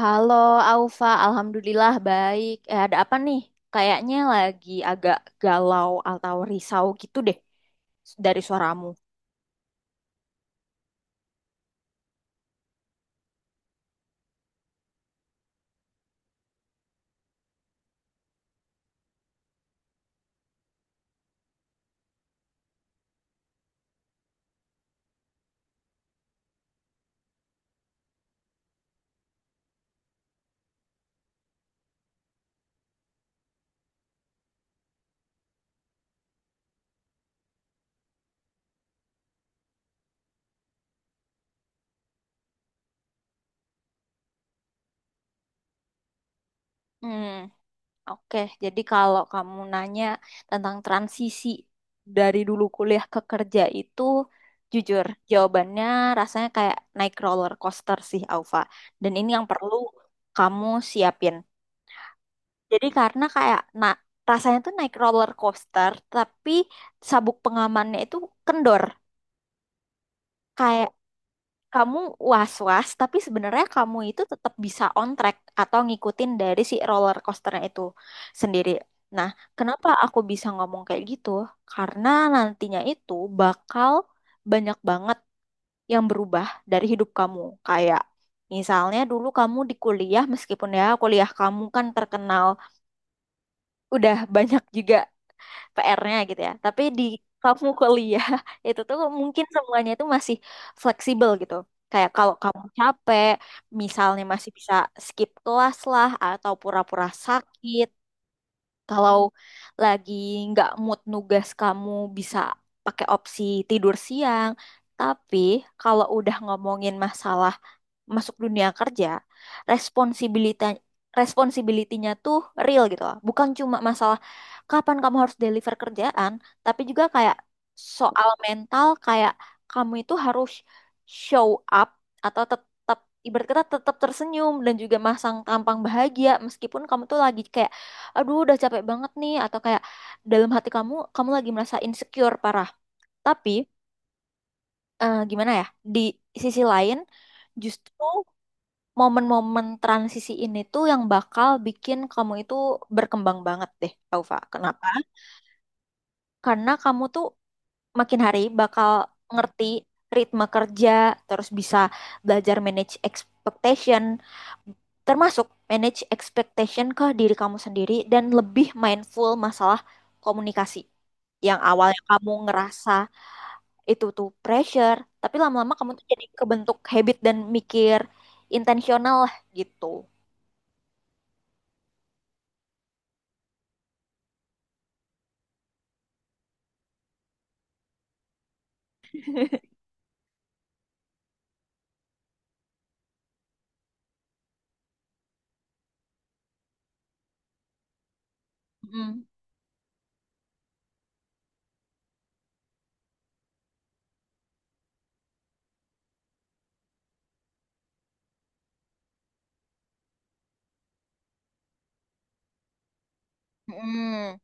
Halo Aufa, alhamdulillah baik. Eh, ada apa nih? Kayaknya lagi agak galau atau risau gitu deh dari suaramu. Hmm, oke. Jadi kalau kamu nanya tentang transisi dari dulu kuliah ke kerja itu, jujur jawabannya rasanya kayak naik roller coaster sih, Aufa. Dan ini yang perlu kamu siapin. Jadi karena kayak nah, rasanya tuh naik roller coaster, tapi sabuk pengamannya itu kendor. Kayak kamu was-was, tapi sebenarnya kamu itu tetap bisa on track atau ngikutin dari si roller coasternya itu sendiri. Nah, kenapa aku bisa ngomong kayak gitu? Karena nantinya itu bakal banyak banget yang berubah dari hidup kamu. Kayak misalnya dulu kamu di kuliah, meskipun ya kuliah kamu kan terkenal udah banyak juga PR-nya gitu ya. Tapi di kamu kuliah itu tuh mungkin semuanya itu masih fleksibel gitu. Kayak kalau kamu capek, misalnya masih bisa skip kelas lah atau pura-pura sakit. Kalau lagi nggak mood nugas, kamu bisa pakai opsi tidur siang. Tapi kalau udah ngomongin masalah masuk dunia kerja, responsibilita responsibility-nya tuh real gitu loh. Bukan cuma masalah kapan kamu harus deliver kerjaan, tapi juga kayak soal mental, kayak kamu itu harus show up atau tetap, ibarat kata, tetap tersenyum dan juga masang tampang bahagia meskipun kamu tuh lagi kayak aduh udah capek banget nih atau kayak dalam hati kamu, kamu lagi merasa insecure parah. Tapi gimana ya? Di sisi lain justru momen-momen transisi ini tuh yang bakal bikin kamu itu berkembang banget deh, Taufa. Kenapa? Karena kamu tuh makin hari bakal ngerti ritme kerja, terus bisa belajar manage expectation, termasuk manage expectation ke diri kamu sendiri dan lebih mindful masalah komunikasi. Yang awalnya kamu ngerasa itu tuh pressure, tapi lama-lama kamu tuh jadi kebentuk habit dan mikir intensional lah gitu. Mm. Mm,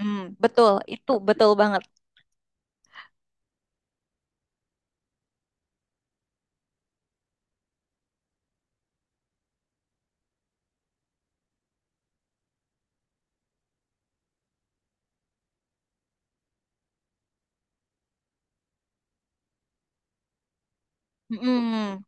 mm, betul, itu betul banget. Mm,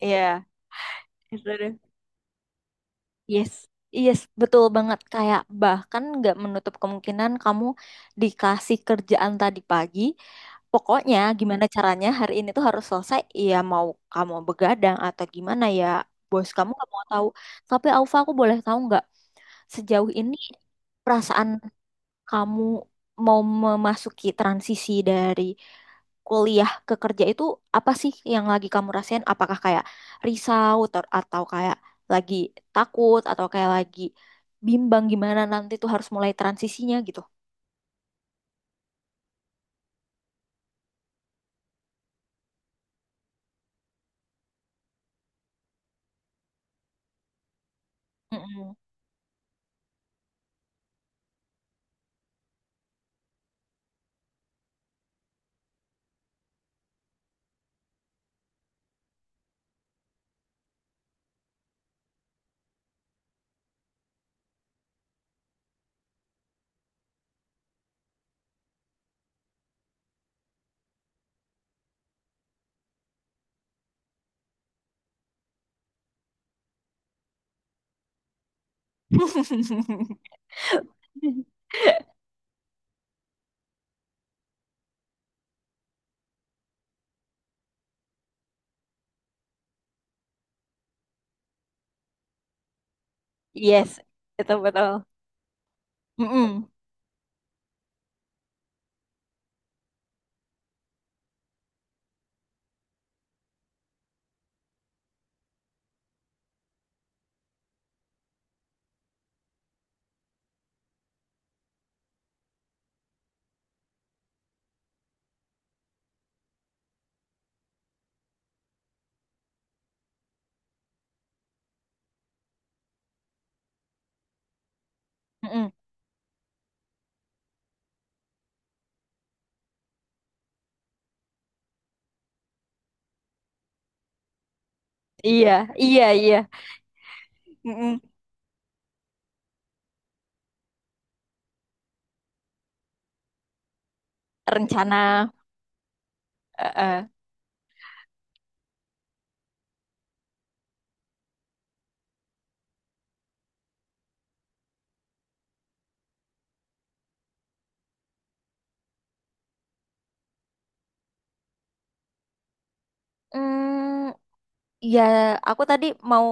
iya, itu deh. Yes, yes, betul banget. Kayak bahkan nggak menutup kemungkinan kamu dikasih kerjaan tadi pagi. Pokoknya gimana caranya hari ini tuh harus selesai. Iya, mau kamu begadang atau gimana ya, bos kamu nggak mau tahu. Tapi Alfa, aku boleh tahu nggak sejauh ini perasaan kamu mau memasuki transisi dari kuliah ke kerja itu, apa sih yang lagi kamu rasain? Apakah kayak atau kayak lagi takut atau kayak lagi bimbang gimana nanti tuh harus mulai transisinya gitu? Mm-mm. Yes, itu betul. Mm-mm. Mm-mm. Iya, iya, iya. Mm-mm. Rencana. eh, eh. Mm, ya, aku tadi mau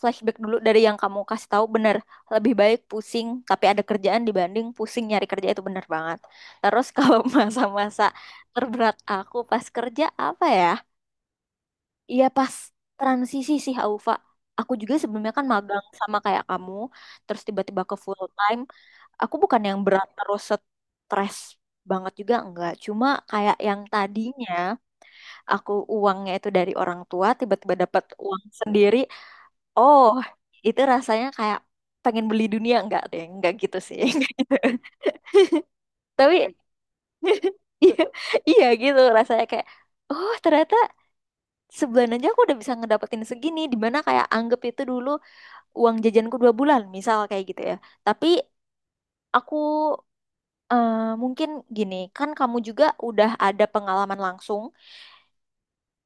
flashback dulu dari yang kamu kasih tahu, bener, lebih baik pusing tapi ada kerjaan dibanding pusing nyari kerja, itu bener banget. Terus kalau masa-masa terberat aku pas kerja apa ya, iya pas transisi sih, Aufa. Aku juga sebelumnya kan magang sama kayak kamu, terus tiba-tiba ke full time. Aku bukan yang berat terus stres banget juga, enggak, cuma kayak yang tadinya aku uangnya itu dari orang tua, tiba-tiba dapat uang sendiri. Oh, itu rasanya kayak pengen beli dunia. Enggak deh, enggak gitu sih. Nggak gitu. Tapi iya, iya gitu rasanya kayak oh, ternyata sebulan aja aku udah bisa ngedapetin segini, dimana kayak anggap itu dulu uang jajanku dua bulan misal kayak gitu ya. Tapi aku eh, mungkin gini, kan kamu juga udah ada pengalaman langsung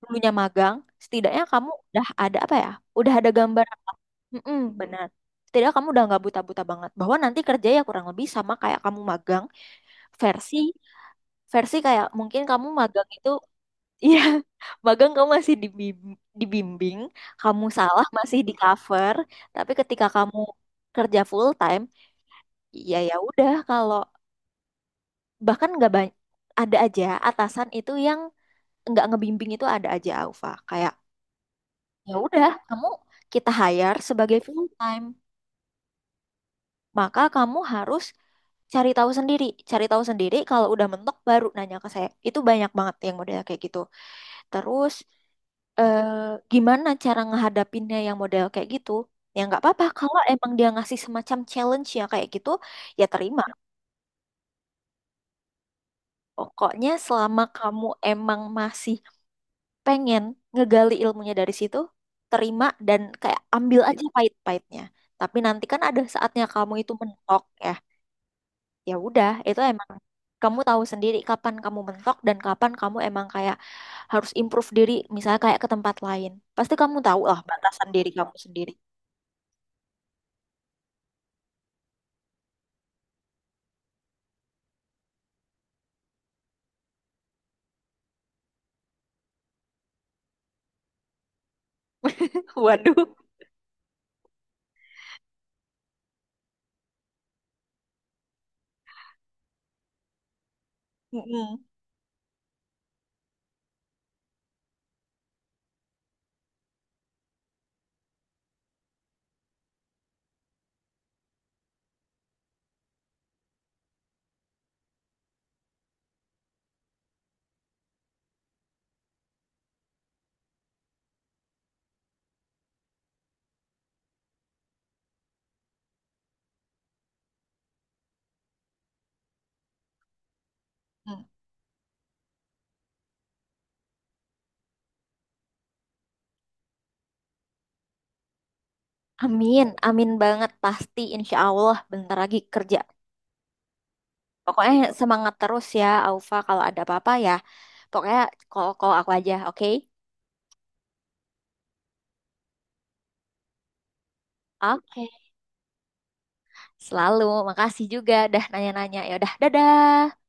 dulunya magang, setidaknya kamu udah ada apa ya? Udah ada gambaran. Mm-mm, benar. Setidaknya kamu udah nggak buta-buta banget. Bahwa nanti kerja ya kurang lebih sama kayak kamu magang, versi versi kayak mungkin kamu magang itu iya, magang kamu masih dibimbing, kamu salah masih di cover, tapi ketika kamu kerja full time, ya ya udah, kalau bahkan nggak banyak, ada aja atasan itu yang nggak ngebimbing, itu ada aja Aufa, kayak ya udah kamu, kita hire sebagai full time maka kamu harus cari tahu sendiri, cari tahu sendiri kalau udah mentok baru nanya ke saya, itu banyak banget yang model kayak gitu. Terus eh, gimana cara ngehadapinnya yang model kayak gitu, ya nggak apa-apa kalau emang dia ngasih semacam challenge ya kayak gitu, ya terima. Pokoknya selama kamu emang masih pengen ngegali ilmunya dari situ, terima dan kayak ambil aja pahit-pahitnya. Tapi nanti kan ada saatnya kamu itu mentok ya. Ya udah, itu emang kamu tahu sendiri kapan kamu mentok dan kapan kamu emang kayak harus improve diri, misalnya kayak ke tempat lain. Pasti kamu tahu lah batasan diri kamu sendiri. Waduh. Mm-mm. Mm. Amin, amin banget, pasti insya Allah bentar lagi kerja. Pokoknya semangat terus ya, Aufa. Kalau ada apa-apa ya, pokoknya call-call aku aja, oke? Oke, selalu. Makasih juga. Dah nanya-nanya. Ya udah, dadah.